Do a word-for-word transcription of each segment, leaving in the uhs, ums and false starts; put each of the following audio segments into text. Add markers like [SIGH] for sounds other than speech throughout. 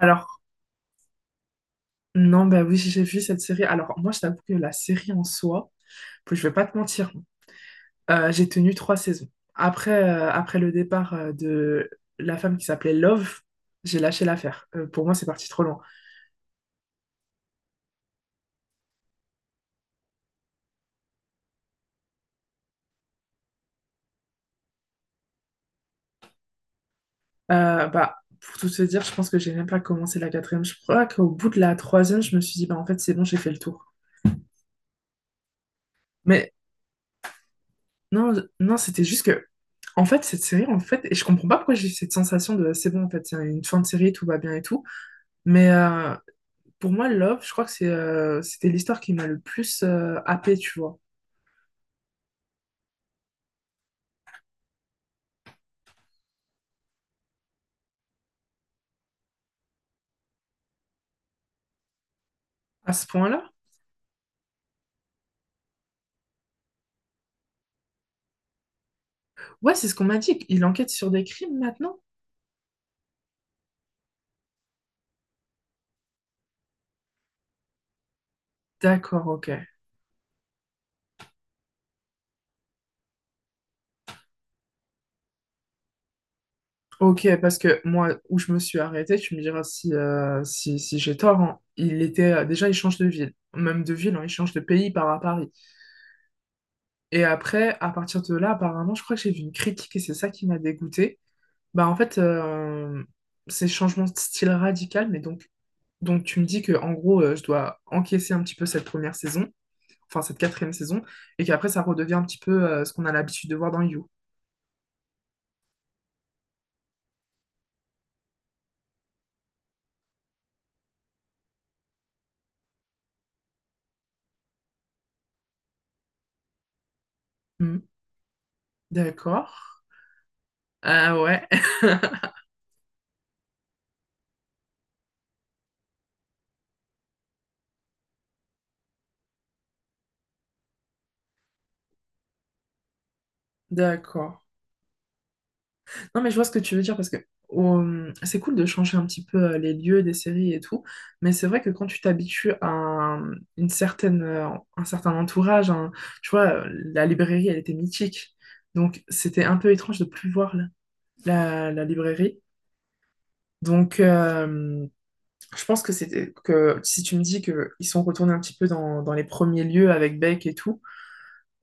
Alors, non, bah oui, j'ai vu cette série. Alors, moi, je t'avoue que la série en soi, puis je vais pas te mentir, hein, euh, j'ai tenu trois saisons. Après, euh, après le départ euh, de la femme qui s'appelait Love, j'ai lâché l'affaire. Euh, pour moi, c'est parti trop loin. Euh, bah, pour tout se dire, je pense que j'ai même pas commencé la quatrième. Je crois qu'au bout de la troisième, je me suis dit, bah, en fait, c'est bon, j'ai fait le tour. Mais non, non, c'était juste que, en fait, cette série, en fait, et je comprends pas pourquoi j'ai eu cette sensation de, c'est bon, en fait, c'est une fin de série, tout va bien et tout. Mais euh, Pour moi, Love, je crois que c'est, euh, c'était l'histoire qui m'a le plus euh, happée, tu vois. À ce point-là? Ouais, c'est ce qu'on m'a dit. Il enquête sur des crimes maintenant? D'accord, ok. Ok, parce que moi, où je me suis arrêtée, tu me diras si, euh, si, si j'ai tort, hein. Il était, euh, déjà, il change de ville. Même de ville, hein, il change de pays, il part à Paris. Et après, à partir de là, apparemment, je crois que j'ai vu une critique et c'est ça qui m'a dégoûtée. Bah, en fait, euh, c'est changement de style radical, mais donc, donc tu me dis que, en gros, euh, je dois encaisser un petit peu cette première saison, enfin cette quatrième saison, et qu'après ça redevient un petit peu euh, ce qu'on a l'habitude de voir dans You. Hmm. D'accord. Ah ouais. [LAUGHS] D'accord. Non, mais je vois ce que tu veux dire parce que euh, c'est cool de changer un petit peu euh, les lieux des séries et tout, mais c'est vrai que quand tu t'habitues à un- une certaine, euh, un certain entourage, un- tu vois, euh, la librairie, elle était mythique. Donc, c'était un peu étrange de plus voir la, la- la librairie. Donc, euh, je pense que c'était que si tu me dis que ils sont retournés un petit peu dans, dans les premiers lieux avec Beck et tout,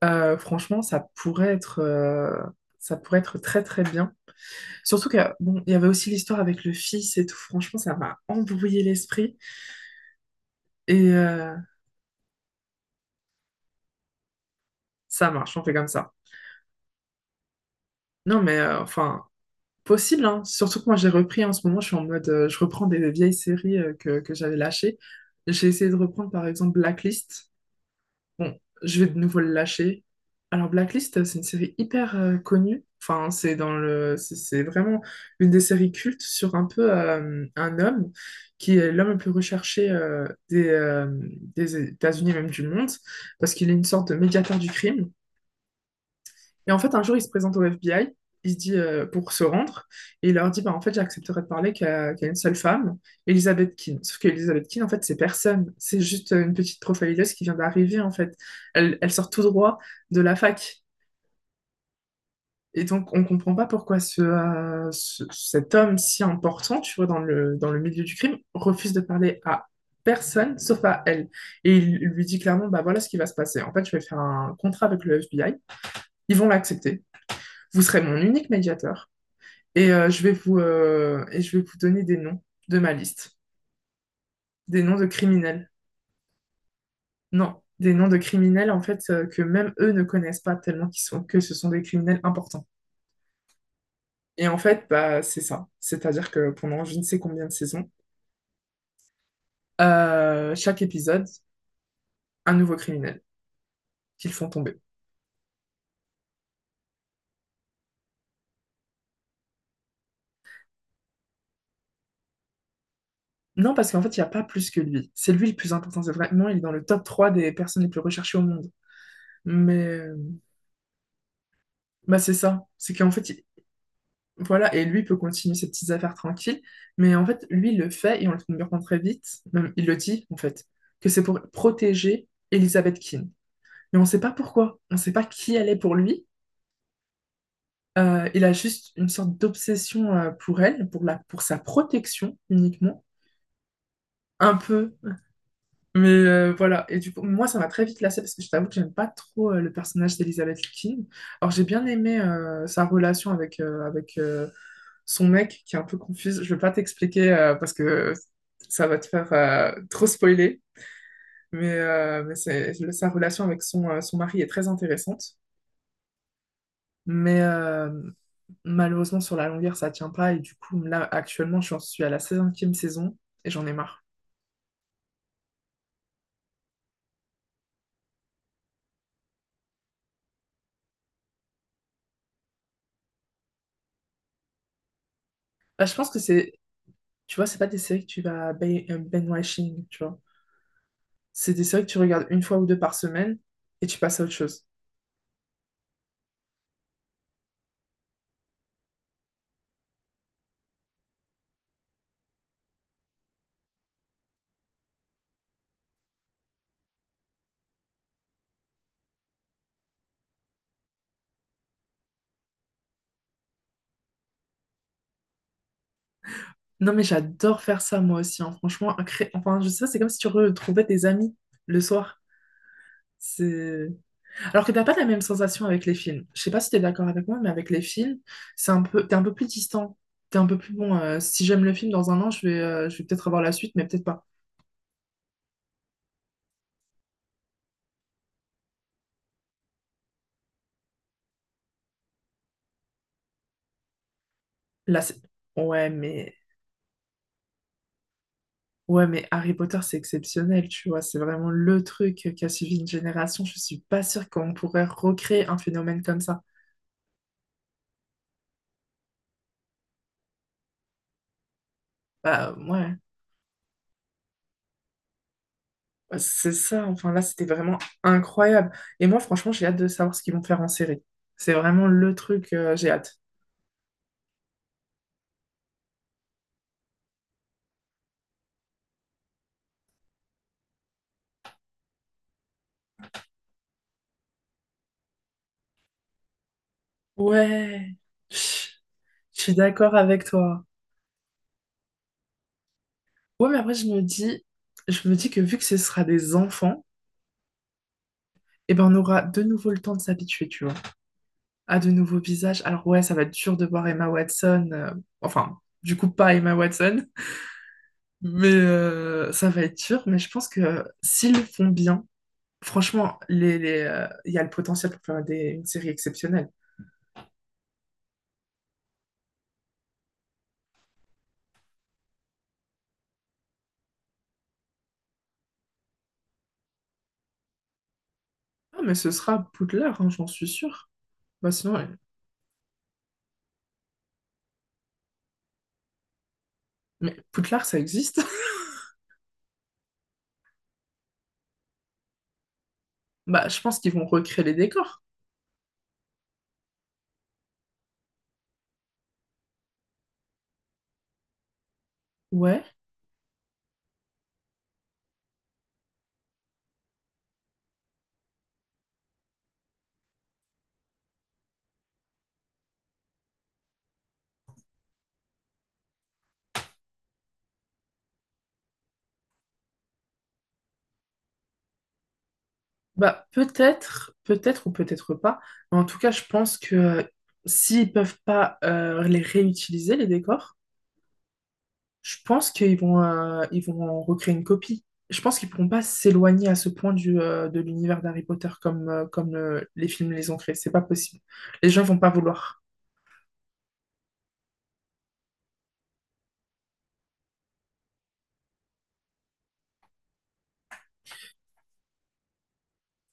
euh, franchement, ça pourrait être euh, ça pourrait être très très bien. Surtout que bon, il y avait aussi l'histoire avec le fils et tout. Franchement, ça m'a embrouillé l'esprit et euh, ça marche. On fait comme ça. Non, mais euh, enfin possible, hein. Surtout que moi, j'ai repris en ce moment. Je suis en mode, euh, je reprends des vieilles séries euh, que que j'avais lâchées. J'ai essayé de reprendre par exemple Blacklist. Bon, je vais de nouveau le lâcher. Alors, Blacklist, c'est une série hyper euh, connue. Enfin, c'est dans le, c'est c'est vraiment une des séries cultes sur un peu euh, un homme qui est l'homme le plus recherché euh, des, euh, des États-Unis, même du monde, parce qu'il est une sorte de médiateur du crime. Et en fait, un jour, il se présente au F B I, il se dit euh, pour se rendre, et il leur dit, bah, en fait, j'accepterai de parler qu'à qu'à une seule femme, Elizabeth Keane. Sauf qu'Elizabeth Keane, en fait, c'est personne. C'est juste une petite profileuse qui vient d'arriver, en fait. Elle, elle sort tout droit de la fac. Et donc, on comprend pas pourquoi ce, euh, ce- cet homme si important, tu vois, dans le, dans le milieu du crime, refuse de parler à personne sauf à elle. Et il lui dit clairement, bah voilà ce qui va se passer. En fait, je vais faire un contrat avec le F B I. Ils vont l'accepter. Vous serez mon unique médiateur. Et, euh, je vais vous, euh, et je vais vous donner des noms de ma liste. Des noms de criminels. Non, des noms de criminels, en fait, euh, que même eux ne connaissent pas tellement qu'ils sont, que ce sont des criminels importants. Et en fait, bah, c'est ça. C'est-à-dire que pendant je ne sais combien de saisons, euh, chaque épisode, un nouveau criminel qu'ils font tomber. Non, parce qu'en fait, il n'y a pas plus que lui. C'est lui le plus important. C'est vraiment, il est dans le top trois des personnes les plus recherchées au monde. Mais euh, bah, c'est ça. C'est qu'en fait, voilà, et lui peut continuer ses petites affaires tranquilles, mais en fait, lui, il le fait, et on le comprend très vite, même il le dit, en fait, que c'est pour protéger Elizabeth Keane. Mais on ne sait pas pourquoi, on ne sait pas qui elle est pour lui, euh, il a juste une sorte d'obsession euh, pour elle, pour, la, pour sa protection uniquement, un peu, mais euh, voilà, et du coup, moi, ça m'a très vite lassée, parce que je t'avoue que j'aime pas trop euh, le personnage d'Elizabeth Keane. Alors, j'ai bien aimé euh, sa relation avec, euh, avec euh, son mec qui est un peu confuse. Je vais pas t'expliquer euh, parce que ça va te faire euh, trop spoiler, mais, euh, mais c'est, le- sa relation avec son, euh, son mari est très intéressante. Mais euh, malheureusement, sur la longueur, ça tient pas. Et du coup, là, actuellement, j'en suis à la cinquième saison et j'en ai marre. Bah, je pense que c'est, tu vois, c'est pas des séries que tu vas ben- euh, binge-watching, tu vois. C'est des séries que tu regardes une fois ou deux par semaine et tu passes à autre chose. Non, mais j'adore faire ça moi aussi, hein. Franchement, un cré- enfin, je sais pas, c'est comme si tu retrouvais tes amis le soir. C'est... Alors que t'as pas la même sensation avec les films. Je sais pas si t'es d'accord avec moi, mais avec les films, c'est un peu... t'es un peu plus distant. T'es un peu plus bon. euh, si j'aime le film dans un an, je vais, euh, je vais peut-être avoir la suite, mais peut-être pas. Là, c'est... Ouais, mais... Ouais, mais Harry Potter, c'est exceptionnel, tu vois. C'est vraiment le truc qui a suivi une génération. Je suis pas sûre qu'on pourrait recréer un phénomène comme ça. Bah ouais. C'est ça, enfin là, c'était vraiment incroyable. Et moi, franchement, j'ai hâte de savoir ce qu'ils vont faire en série. C'est vraiment le truc, euh, j'ai hâte. Ouais, chut, je suis d'accord avec toi. Ouais, mais après, je me dis, je me dis que vu que ce sera des enfants, eh ben, on aura de nouveau le temps de s'habituer, tu vois, à de nouveaux visages. Alors ouais, ça va être dur de voir Emma Watson, euh, enfin, du coup, pas Emma Watson, mais euh, ça va être dur. Mais je pense que euh, s'ils le font bien, franchement, les, les, euh, il y a le potentiel pour faire des, une série exceptionnelle. Ah, mais ce sera Poudlard, hein, j'en suis sûre. Bah, sinon, euh, mais Poudlard, ça existe. [LAUGHS] Bah, je pense qu'ils vont recréer les décors. Ouais. Bah, peut-être, peut-être ou peut-être pas. Mais en tout cas, je pense que euh, s'ils peuvent pas euh, les réutiliser, les décors, je pense qu'ils vont, euh, ils vont en recréer une copie. Je pense qu'ils pourront pas s'éloigner à ce point du, euh, de l'univers d'Harry Potter comme, euh, comme euh, les films les ont créés. C'est pas possible. Les gens vont pas vouloir.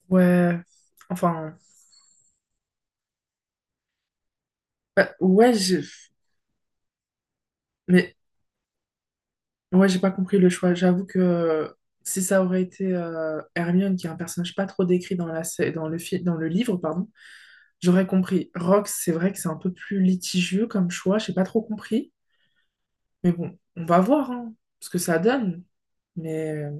Ouais, enfin, bah, ouais, j'ai- mais ouais, j'ai pas compris le choix. J'avoue que euh, si ça aurait été euh, Hermione, qui est un personnage pas trop décrit dans la, sé- dans le fi- dans le livre, pardon, j'aurais compris. Rox, c'est vrai que c'est un peu plus litigieux comme choix, j'ai pas trop compris. Mais bon, on va voir hein, ce que ça donne. Mais euh,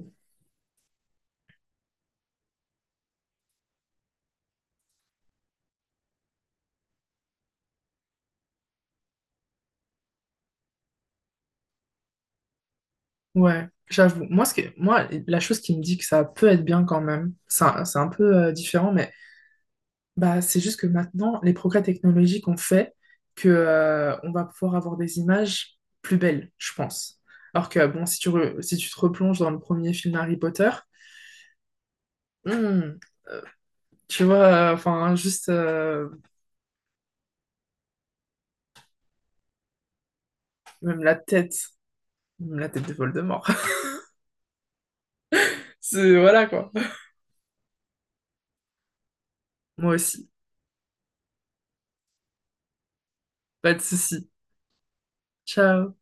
ouais, j'avoue. Moi, ce que, moi, la chose qui me dit que ça peut être bien quand même, c'est un, c'est un peu euh, différent, mais bah, c'est juste que maintenant, les progrès technologiques ont fait que, euh, on va pouvoir avoir des images plus belles, je pense. Alors que, bon, si tu, re- si tu te replonges dans le premier film Harry Potter, hmm, tu vois, enfin, juste, euh, même la tête, même la tête de Voldemort. [LAUGHS] C'est, voilà, quoi. Moi aussi. Pas de soucis. Ciao.